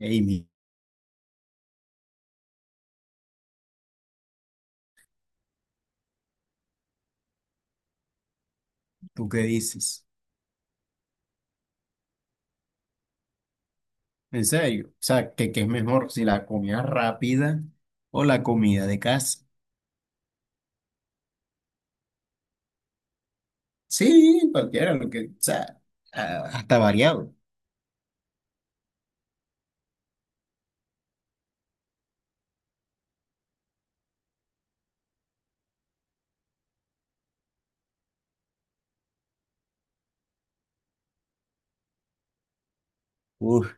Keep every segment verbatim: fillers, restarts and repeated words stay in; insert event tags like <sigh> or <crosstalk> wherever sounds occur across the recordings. Amy, ¿tú qué dices? En serio, o sea, ¿qué, qué es mejor si la comida rápida o la comida de casa? Sí, cualquiera, lo que, o sea, ah, hasta variado. Uf,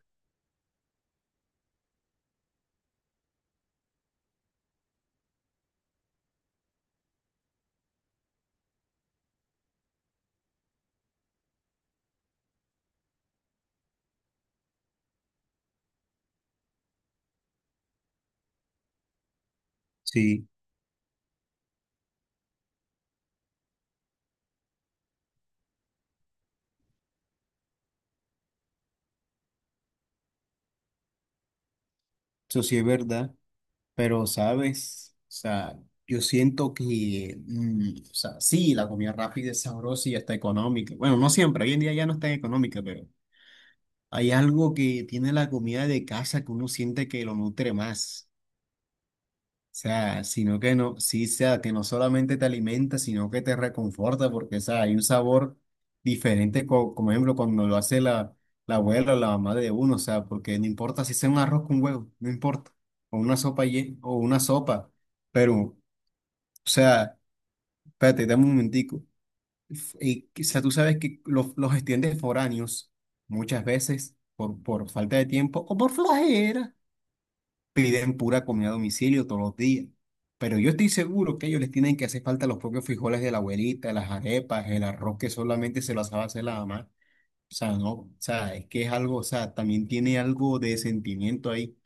sí, eso sí es verdad, pero sabes, o sea, yo siento que, mm, o sea, sí, la comida rápida es sabrosa y hasta económica. Bueno, no siempre, hoy en día ya no es tan económica, pero hay algo que tiene la comida de casa que uno siente que lo nutre más. O sea, sino que no, sí, sea, que no solamente te alimenta, sino que te reconforta, porque, o sea, hay un sabor diferente, co- como ejemplo, cuando lo hace la, la abuela o la mamá de uno, o sea, porque no importa si sea un arroz con huevo, no importa, o una sopa ye- o una sopa, pero, o sea, espérate, dame un momentico. F- Y, o sea, tú sabes que los, los estudiantes foráneos, muchas veces, por, por falta de tiempo o por flojera, piden pura comida a domicilio todos los días. Pero yo estoy seguro que ellos les tienen que hacer falta los propios frijoles de la abuelita, las arepas, el arroz que solamente se lo sabe hacer la mamá. O sea, no, o sea, es que es algo, o sea, también tiene algo de sentimiento ahí.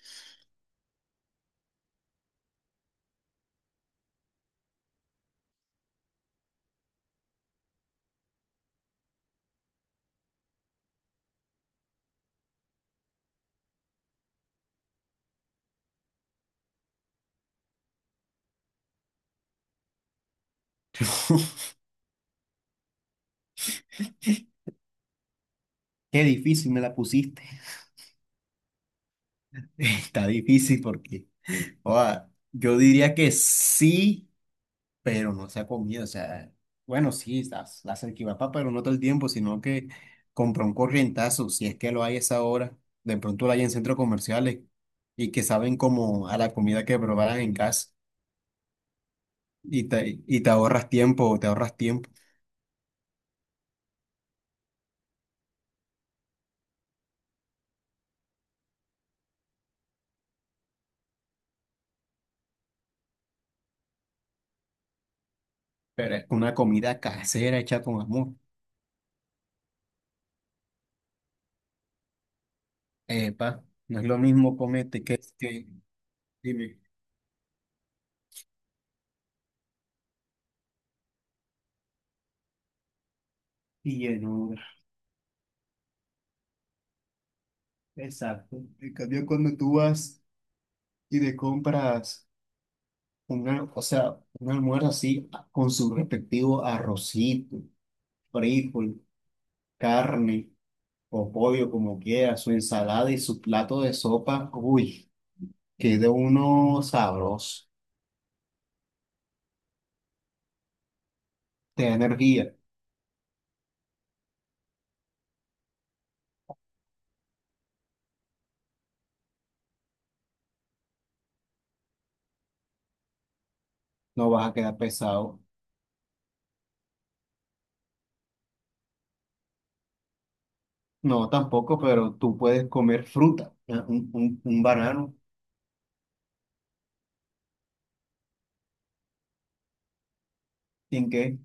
Qué difícil me la pusiste. <laughs> Está difícil porque, o sea, yo diría que sí, pero no se ha comido, o sea, bueno, sí, la, la salchipapa, pero no todo el tiempo, sino que compra un corrientazo, si es que lo hay a esa hora, de pronto lo hay en centros comerciales y que saben como a la comida que preparan en casa y te, y te ahorras tiempo, te ahorras tiempo, pero es una comida casera hecha con amor. Epa, no es lo mismo comerte que, que dime. Y llenura. Exacto. En cambio, cuando tú vas y te compras una, o sea, un almuerzo así con su respectivo arrocito, frijol, carne o pollo, como quiera, su ensalada y su plato de sopa. Uy, que de uno sabroso, te da energía, no vas a quedar pesado. No, tampoco, pero tú puedes comer fruta, ¿eh? un, un, un banano, ¿sin qué?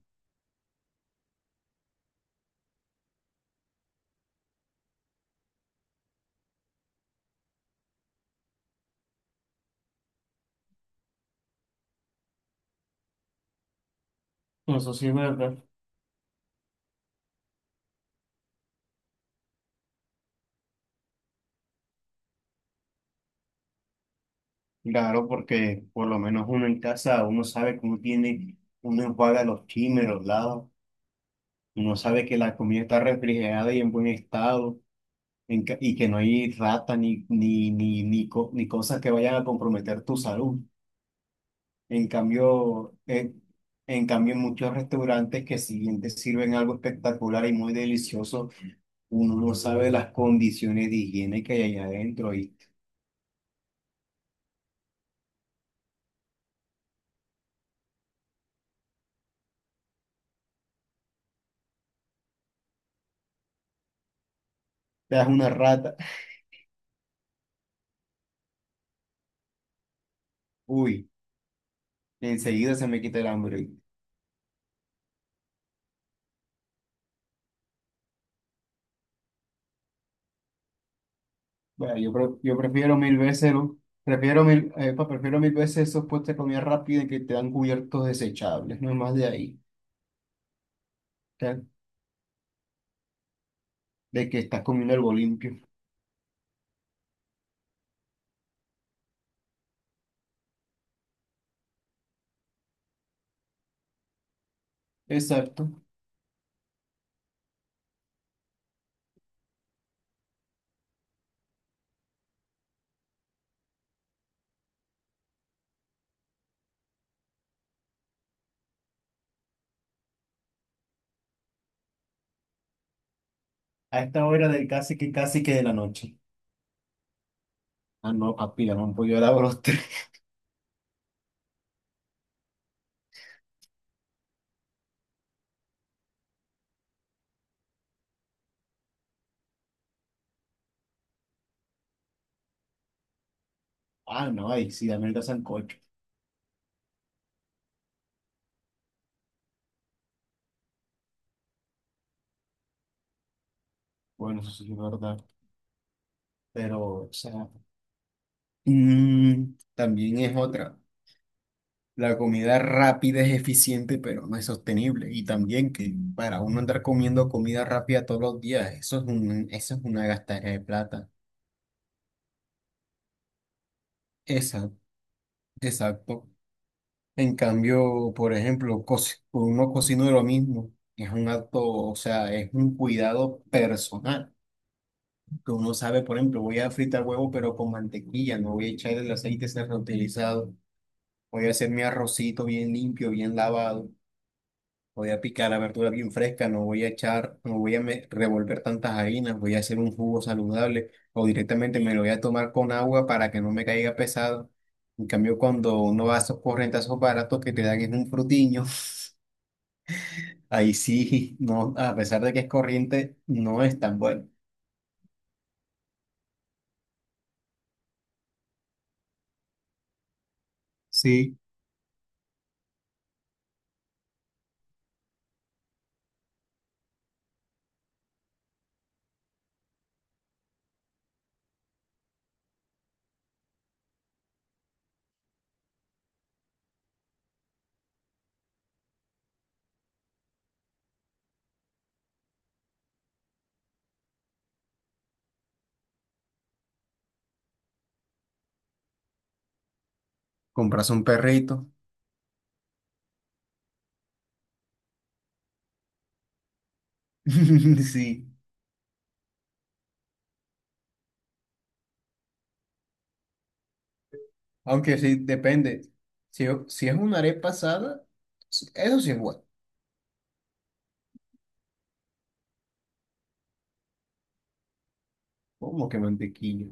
Eso sí es verdad. Claro, porque por lo menos uno en casa, uno sabe que uno tiene, uno enjuaga los chimes, los lados. Uno sabe que la comida está refrigerada y en buen estado en ca- y que no hay rata ni, ni, ni, ni, co- ni cosas que vayan a comprometer tu salud. En cambio, eh, en cambio, en muchos restaurantes que si bien te sirven algo espectacular y muy delicioso, uno no sabe las condiciones de higiene que hay allá adentro y te das una rata, <laughs> uy, enseguida se me quita el hambre. Bueno, yo, pre- yo prefiero mil veces, lo- prefiero mil, epa, prefiero mil veces esos puestos de comida rápida que te dan cubiertos desechables, no hay más de ahí, ¿ya? De que estás comiendo algo limpio. Exacto. A esta hora del casi que casi que de la noche. Ah, no, papi, dame un pollo a la broster. <laughs> Ah, no, ahí sí, dame el sancocho. Bueno, eso sí es verdad. Pero, o sea, mm, también es otra. La comida rápida es eficiente, pero no es sostenible. Y también que para uno andar comiendo comida rápida todos los días, eso es un, eso es una gastadera de plata. Esa, exacto. En cambio, por ejemplo, co- uno cocina lo mismo. Es un acto, o sea, es un cuidado personal. Que uno sabe, por ejemplo, voy a fritar huevo, pero con mantequilla, no voy a echar el aceite reutilizado. Voy a hacer mi arrocito bien limpio, bien lavado. Voy a picar la verdura bien fresca, no voy a echar, no voy a me- revolver tantas harinas, voy a hacer un jugo saludable o directamente me lo voy a tomar con agua para que no me caiga pesado. En cambio, cuando uno va a esos corrientazos baratos que te dan en un frutiño, <laughs> ahí sí, no, a pesar de que es corriente, no es tan bueno. Sí, compras un perrito. <laughs> Sí, aunque sí, depende. Si, si es una arepa asada, eso sí es bueno. Como que mantequilla.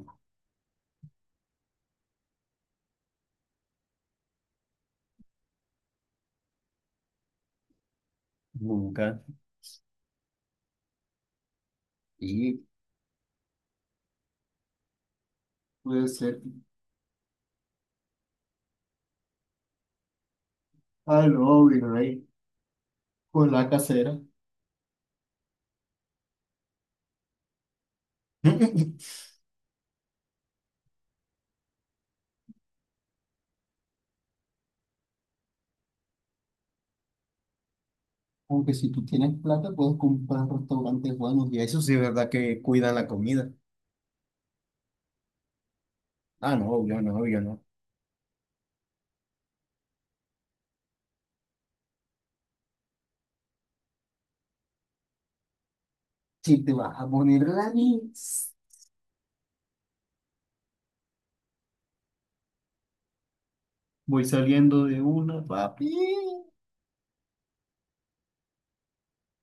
Nunca. Y puede ser algo virrey con la casera. <laughs> Aunque si tú tienes plata, puedes comprar restaurantes buenos y eso sí es verdad que cuidan la comida. Ah, no, yo no, yo no. Si te vas a poner la nits, voy saliendo de una, papi.